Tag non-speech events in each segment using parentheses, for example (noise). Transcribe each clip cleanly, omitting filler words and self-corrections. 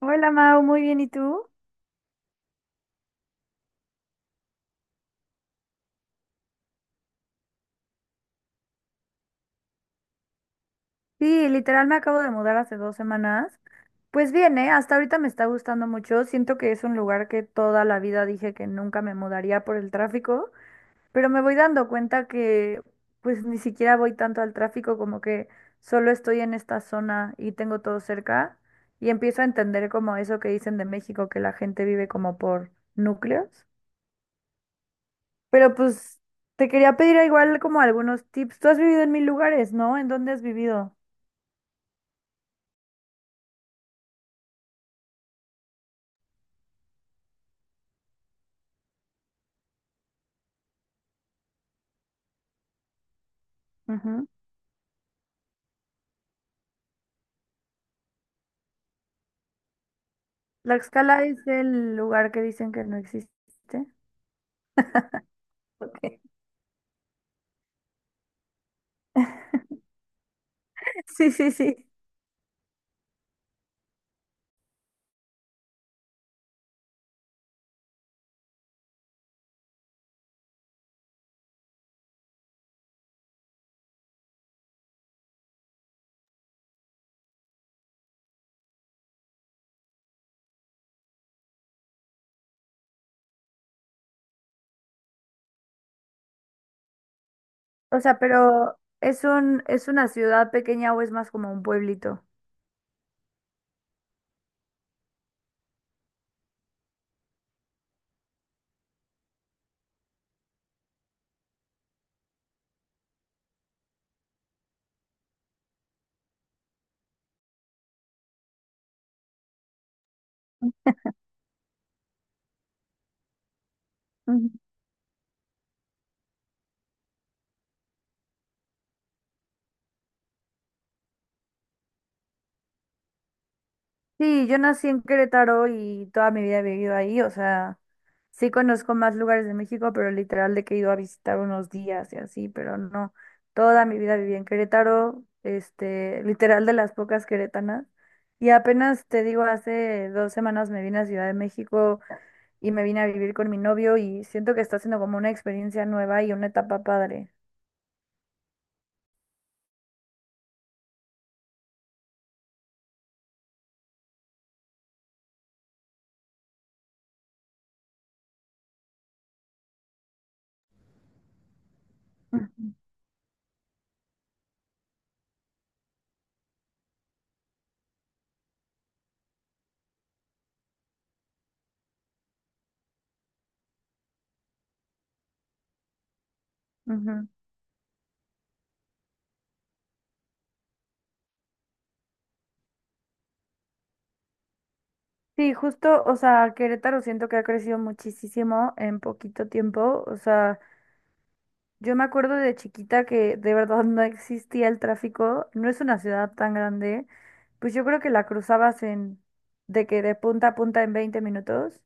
Hola Mau, muy bien, ¿y tú? Sí, literal me acabo de mudar hace 2 semanas. Pues bien, ¿eh? Hasta ahorita me está gustando mucho. Siento que es un lugar que toda la vida dije que nunca me mudaría por el tráfico, pero me voy dando cuenta que pues ni siquiera voy tanto al tráfico, como que solo estoy en esta zona y tengo todo cerca y empiezo a entender como eso que dicen de México, que la gente vive como por núcleos. Pero pues te quería pedir igual como algunos tips. Tú has vivido en mil lugares, ¿no? ¿En dónde has vivido? Ujú. Tlaxcala es el lugar que dicen que no existe. (laughs) Sí, sí, sí. O sea, pero es una ciudad pequeña o es más como un pueblito? Ujú. Sí, yo nací en Querétaro y toda mi vida he vivido ahí, o sea, sí conozco más lugares de México, pero literal de que he ido a visitar unos días y así, pero no, toda mi vida viví en Querétaro, literal de las pocas queretanas, y apenas te digo, hace 2 semanas me vine a Ciudad de México y me vine a vivir con mi novio y siento que está siendo como una experiencia nueva y una etapa padre. Ujú, ujú. Sí, justo, o sea, Querétaro siento que ha crecido muchísimo en poquito tiempo. O sea, yo me acuerdo de chiquita que de verdad no existía el tráfico, no es una ciudad tan grande. Pues yo creo que la cruzabas en, de que de punta a punta en 20 minutos,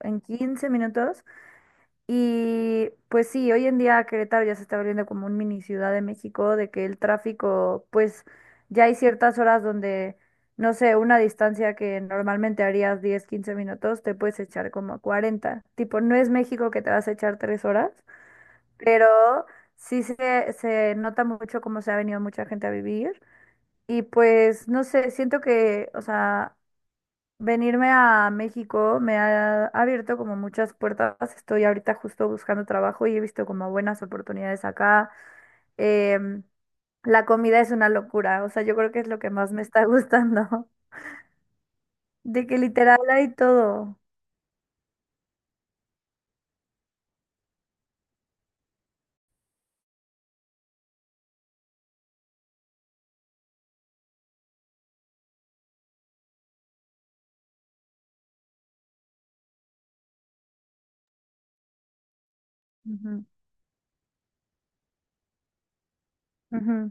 en 15 minutos. Y pues sí, hoy en día Querétaro ya se está volviendo como un mini Ciudad de México, de que el tráfico, pues ya hay ciertas horas donde, no sé, una distancia que normalmente harías 10 15 minutos, te puedes echar como 40. Tipo, no es México que te vas a echar 3 horas, pero sí se nota mucho cómo se ha venido mucha gente a vivir. Y pues, no sé, siento que, o sea. Venirme a México me ha abierto como muchas puertas. Estoy ahorita justo buscando trabajo y he visto como buenas oportunidades acá. Em, la comida es una locura, o sea, yo creo que es lo que más me está gustando, (laughs) de que literal hay todo. Ujú, ujú.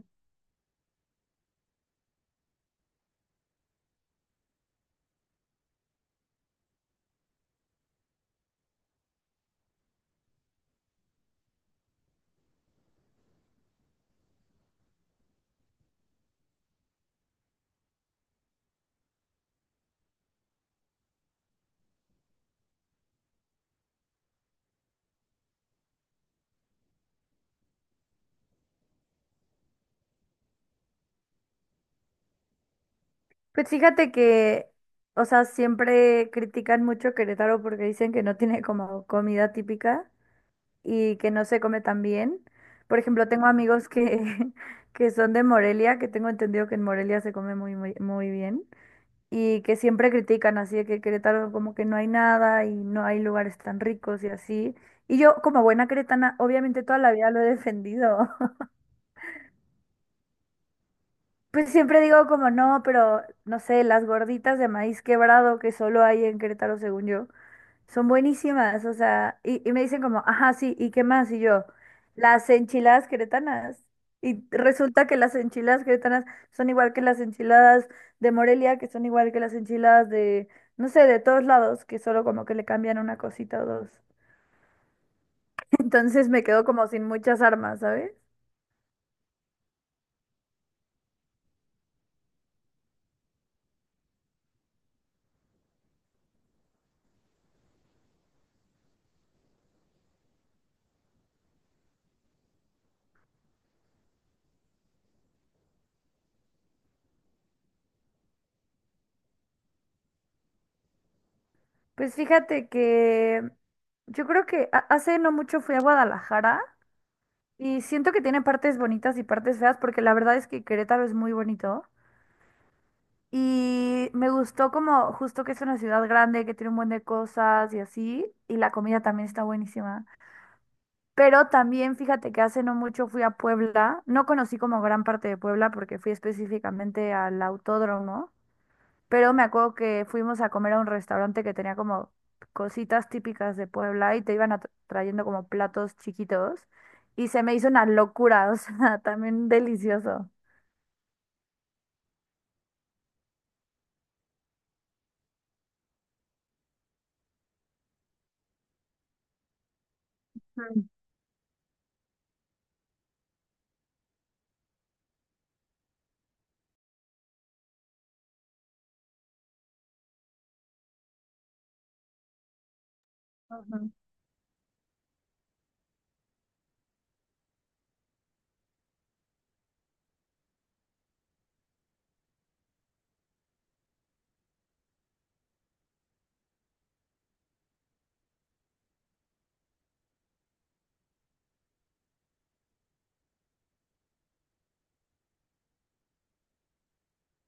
Pues fíjate que, o sea, siempre critican mucho Querétaro porque dicen que no tiene como comida típica, y que no se come tan bien. Por ejemplo, tengo amigos que, (laughs) que son de Morelia, que tengo entendido que en Morelia se come muy, muy, muy bien y que siempre critican así de que Querétaro como que no hay nada y no hay lugares tan ricos y así. Y yo como buena queretana, obviamente toda la vida lo he defendido. (laughs) Pues siempre digo como no, pero no sé, las gorditas de maíz quebrado que solo hay en Querétaro según yo. Son buenísimas, o sea, y me dicen como, ajá, sí, ¿y qué más? Y yo, las enchiladas queretanas. Y resulta que las enchiladas queretanas son igual que las enchiladas de Morelia, que son igual que las enchiladas de, no sé, de todos lados, que solo como que le cambian una cosita o dos. (laughs) Entonces me quedo como sin muchas armas, ¿sabes? Pues fíjate que yo creo que hace no mucho fui a Guadalajara y siento que tiene partes bonitas y partes feas, porque la verdad es que Querétaro es muy bonito. Y me gustó como justo que es una ciudad grande, que tiene un buen de cosas y así, y la comida también está buenísima. Pero también fíjate que hace no mucho fui a Puebla, no conocí como gran parte de Puebla porque fui específicamente al autódromo, pero me acuerdo que fuimos a comer a un restaurante que tenía como cositas típicas de Puebla y te iban trayendo como platos chiquitos y se me hizo una locura, (laughs) o sea, también delicioso. Mm, ujú.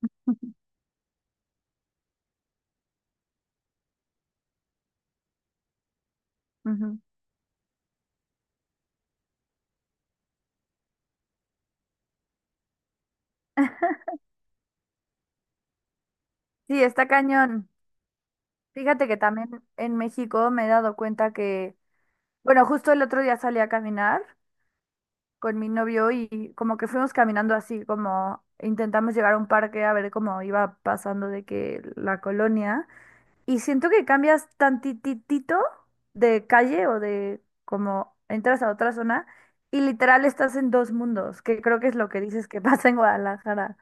(laughs) Ujú. Sí, está cañón. Fíjate que también en México me he dado cuenta que, bueno, justo el otro día salí a caminar con mi novio y como que fuimos caminando así, como intentamos llegar a un parque a ver cómo iba pasando de que la colonia. Y siento que cambias tantitito de calle o de como entras a otra zona y literal estás en dos mundos, que creo que es lo que dices que (laughs) pasa en Guadalajara.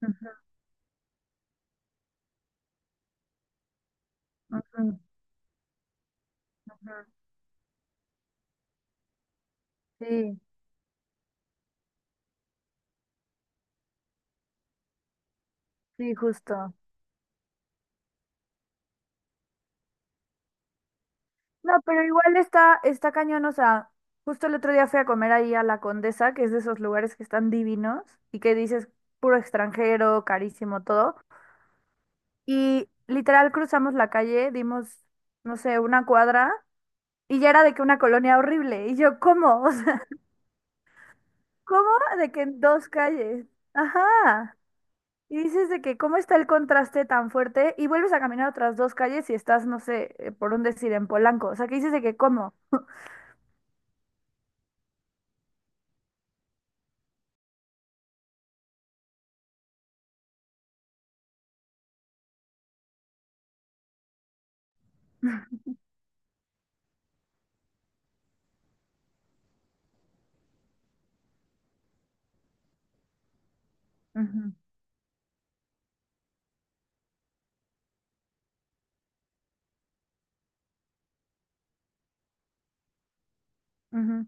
Ujú, ujú, ujú. Sí, sí, justo. No, pero igual está cañón, o sea, justo el otro día fui a comer ahí a La Condesa, que es de esos lugares que están divinos y que dices puro extranjero, carísimo, todo. Y literal cruzamos la calle, dimos, no sé, una cuadra y ya era de que una colonia horrible. Y yo, ¿cómo? (laughs) O sea, ¿cómo de que en dos calles? Ajá. Y dices de que cómo está el contraste tan fuerte y vuelves a caminar otras dos calles y estás, no sé, por un decir, en Polanco. O sea, que dices de que cómo. Ujú, ujú.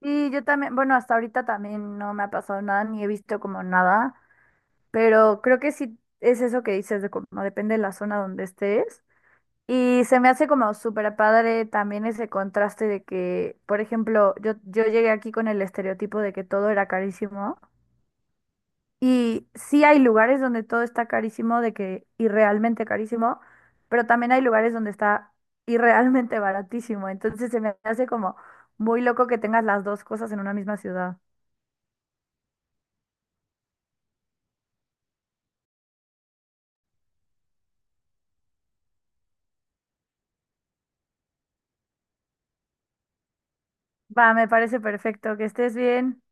Y yo también, bueno, hasta ahorita también no me ha pasado nada, ni he visto como nada, pero creo que sí es eso que dices de como depende de la zona donde estés. Y se me hace como súper padre también ese contraste de que, por ejemplo, yo llegué aquí con el estereotipo de que todo era carísimo. Y sí hay lugares donde todo está carísimo, de que irrealmente carísimo, pero también hay lugares donde está irrealmente baratísimo. Entonces se me hace como muy loco que tengas las dos cosas en una misma ciudad. Va, me parece perfecto. Que estés bien.